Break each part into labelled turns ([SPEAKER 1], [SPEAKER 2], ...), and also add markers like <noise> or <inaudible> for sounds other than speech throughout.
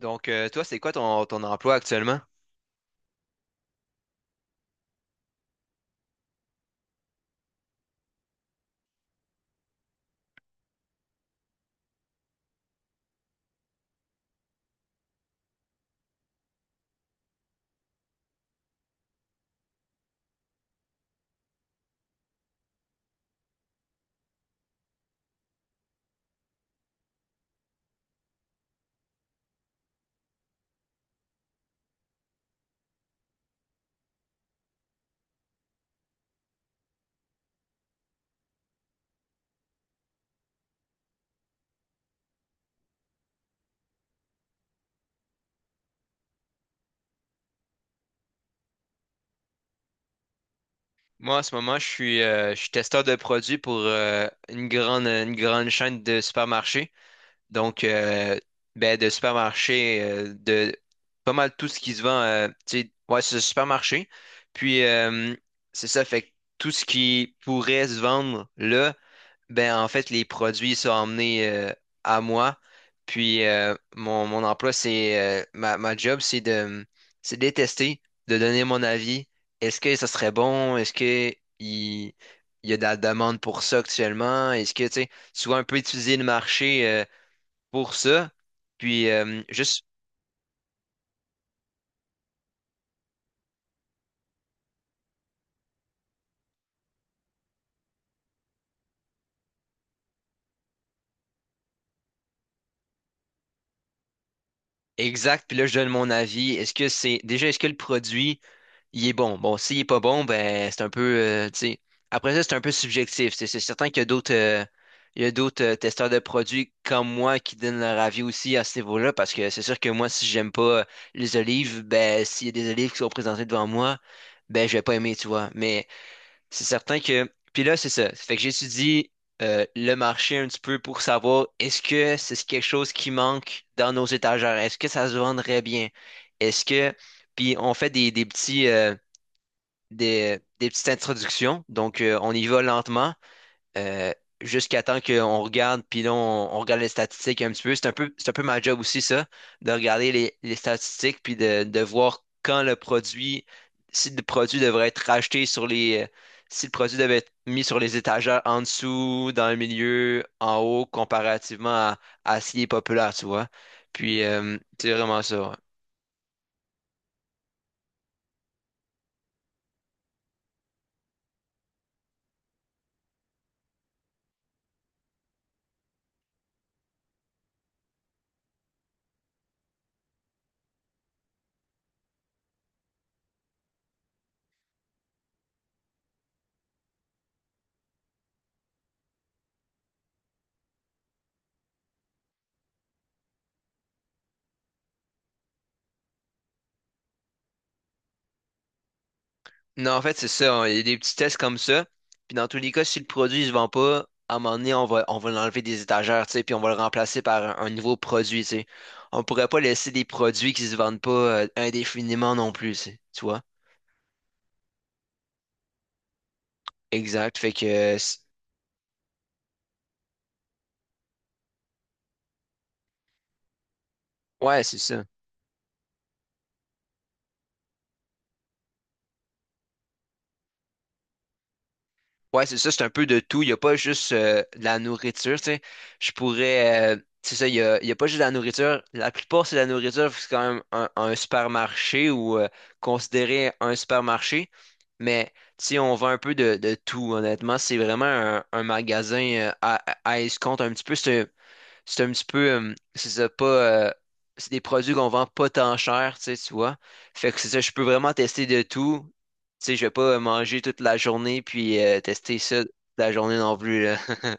[SPEAKER 1] Toi, c'est quoi ton emploi actuellement? Moi, en ce moment, je suis testeur de produits pour une une grande chaîne de supermarchés. Donc, euh, de supermarchés, de pas mal tout ce qui se vend, tu sais, ouais, c'est un supermarché. Puis, euh, c'est ça, fait que tout ce qui pourrait se vendre là, ben, en fait, les produits sont emmenés à moi. Puis Mon, ma job, c'est de les tester, de donner mon avis. Est-ce que ça serait bon? Est-ce que il, il y a de la demande pour ça actuellement? Est-ce que, tu sais, souvent un peu étudier le marché pour ça? Puis juste Exact, puis là, je donne mon avis. Est-ce que le produit il est bon. Bon, s'il est pas bon, ben c'est un peu, tu sais. Après ça, c'est un peu subjectif. C'est certain qu'il y a il y a d'autres testeurs de produits comme moi qui donnent leur avis aussi à ce niveau-là, parce que c'est sûr que moi, si j'aime pas les olives, ben s'il y a des olives qui sont présentées devant moi, ben je vais pas aimer, tu vois. Mais c'est certain que, puis là, c'est ça. Fait que j'étudie le marché un petit peu pour savoir est-ce que c'est quelque chose qui manque dans nos étagères, est-ce que ça se vendrait bien, est-ce que, puis on fait des petites introductions. On y va lentement euh, jusqu'à temps qu'on regarde, puis là, on regarde les statistiques un petit peu. C'est un peu ma job aussi, ça, de regarder les statistiques, puis de voir quand le produit, si le produit devrait être racheté sur les... Si le produit devait être mis sur les étagères en dessous, dans le milieu, en haut, comparativement à ce qui est populaire, tu vois. C'est vraiment ça. Ouais. Non, en fait, c'est ça, hein. Il y a des petits tests comme ça. Puis dans tous les cas, si le produit ne se vend pas, à un moment donné, on va l'enlever des étagères, tu sais, puis on va le remplacer par un nouveau produit, tu sais. On pourrait pas laisser des produits qui se vendent pas indéfiniment non plus, tu sais. Tu vois? Exact. Ouais, c'est ça. Ouais, c'est ça, c'est un peu de tout. Il n'y a pas juste de la nourriture, tu sais. Je pourrais. C'est ça, il y a pas juste de la nourriture. La plupart, c'est de la nourriture, c'est quand même un supermarché ou considéré un supermarché. Mais, tu sais, on vend un peu de tout, honnêtement. C'est vraiment un magasin, à escompte un petit peu. C'est un petit peu, c'est ça, pas, C'est des produits qu'on vend pas tant cher, tu sais, tu vois. Fait que c'est ça, je peux vraiment tester de tout. Tu sais, je vais pas manger toute la journée puis tester ça toute la journée non plus, là. <laughs>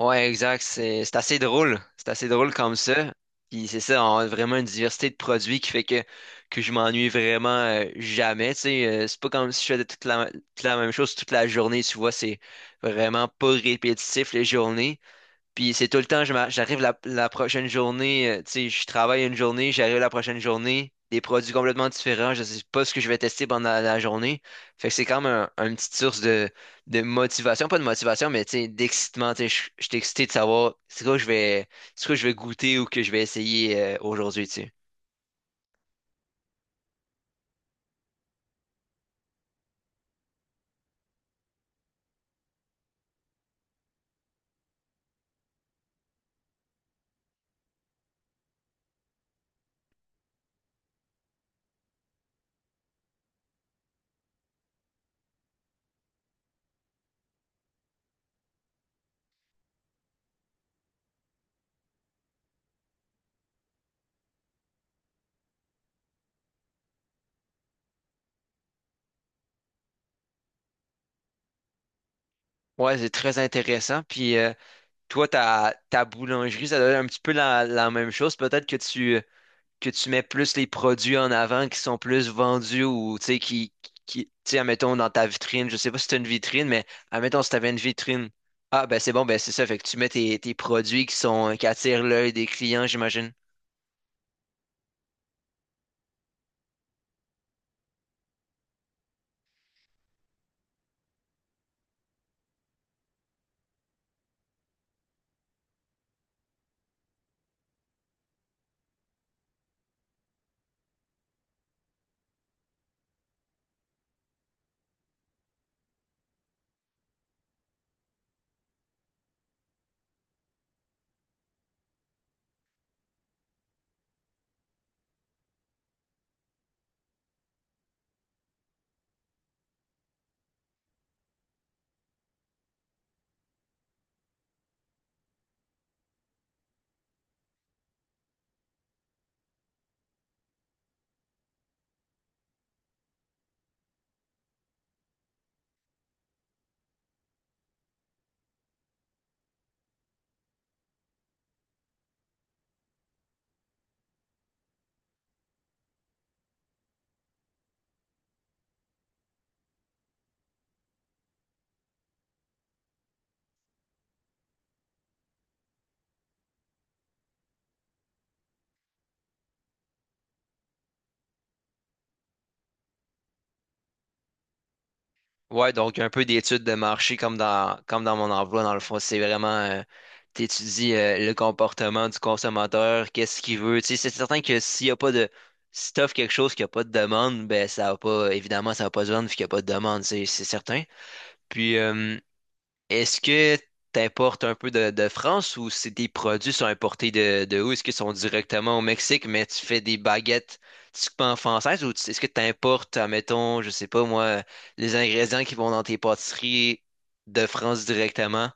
[SPEAKER 1] Ouais, exact, c'est assez drôle. C'est assez drôle comme ça. Puis c'est ça, on a vraiment une diversité de produits qui fait que je m'ennuie vraiment jamais, tu sais. C'est pas comme si je faisais toute la même chose toute la journée, tu vois. C'est vraiment pas répétitif les journées. Puis c'est tout le temps, j'arrive la prochaine journée, tu sais, je travaille une journée, j'arrive la prochaine journée, des produits complètement différents, je sais pas ce que je vais tester pendant la journée. Fait que c'est quand même une petite source de motivation, pas de motivation, mais tu sais, d'excitement, tu sais, je suis excité de savoir c'est quoi que je vais, c'est quoi que je vais goûter ou que je vais essayer aujourd'hui, tu sais. Ouais, c'est très intéressant. Puis Toi, ta boulangerie, ça doit être un petit peu la même chose. Peut-être que tu mets plus les produits en avant qui sont plus vendus ou, tu sais, qui, tu sais, admettons, dans ta vitrine, je sais pas si t'as une vitrine, mais admettons, si t'avais une vitrine, ah, ben c'est bon, ben c'est ça, fait que tu mets tes produits qui sont, qui attirent l'œil des clients, j'imagine. Ouais, donc un peu d'études de marché comme dans mon emploi, dans le fond, c'est vraiment, tu étudies le comportement du consommateur, qu'est-ce qu'il veut, tu sais, c'est certain que s'il y a pas de, si t'offres quelque chose qui a pas de demande, ben ça va pas, évidemment, ça va pas se vendre vu qu'il y a pas de demande, c'est certain. Puis, euh, Est-ce que t'importes un peu de France ou si tes produits sont importés de où? Est-ce qu'ils sont directement au Mexique, mais tu fais des baguettes typiquement françaises est-ce que t'importes, admettons, je sais pas moi, les ingrédients qui vont dans tes pâtisseries de France directement?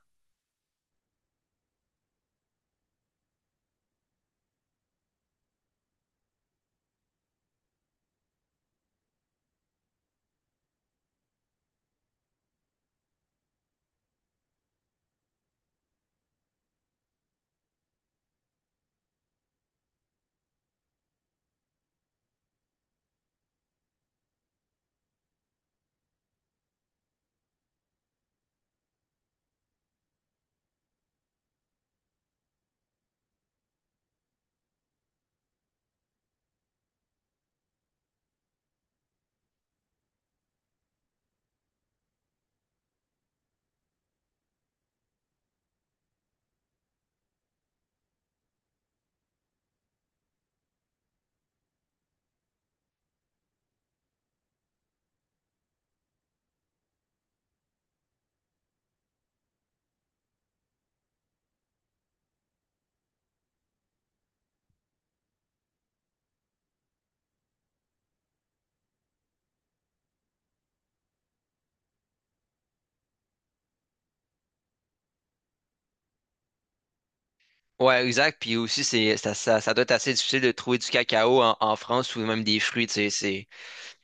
[SPEAKER 1] Ouais, exact. Puis aussi, ça doit être assez difficile de trouver du cacao en France ou même des fruits, tu sais, c'est...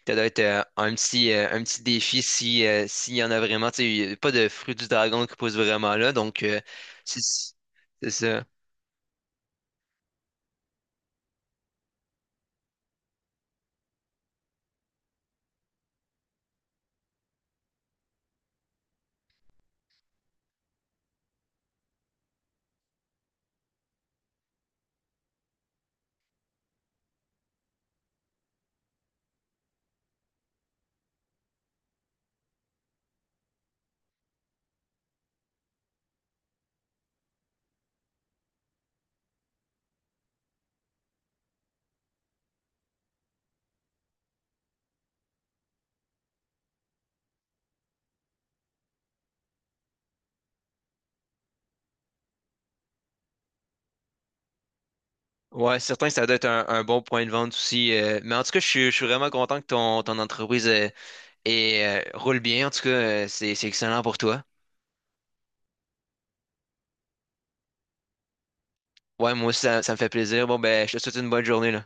[SPEAKER 1] Ça doit être un petit défi si, s'il y en a vraiment. Tu sais, il y a pas de fruit du dragon qui pousse vraiment là. C'est c'est ça. Ouais, c'est certain que ça doit être un bon point de vente aussi. Mais en tout cas, je suis vraiment content que ton, ton entreprise roule bien. En tout cas, c'est excellent pour toi. Ouais, moi aussi, ça me fait plaisir. Bon, ben, je te souhaite une bonne journée, là.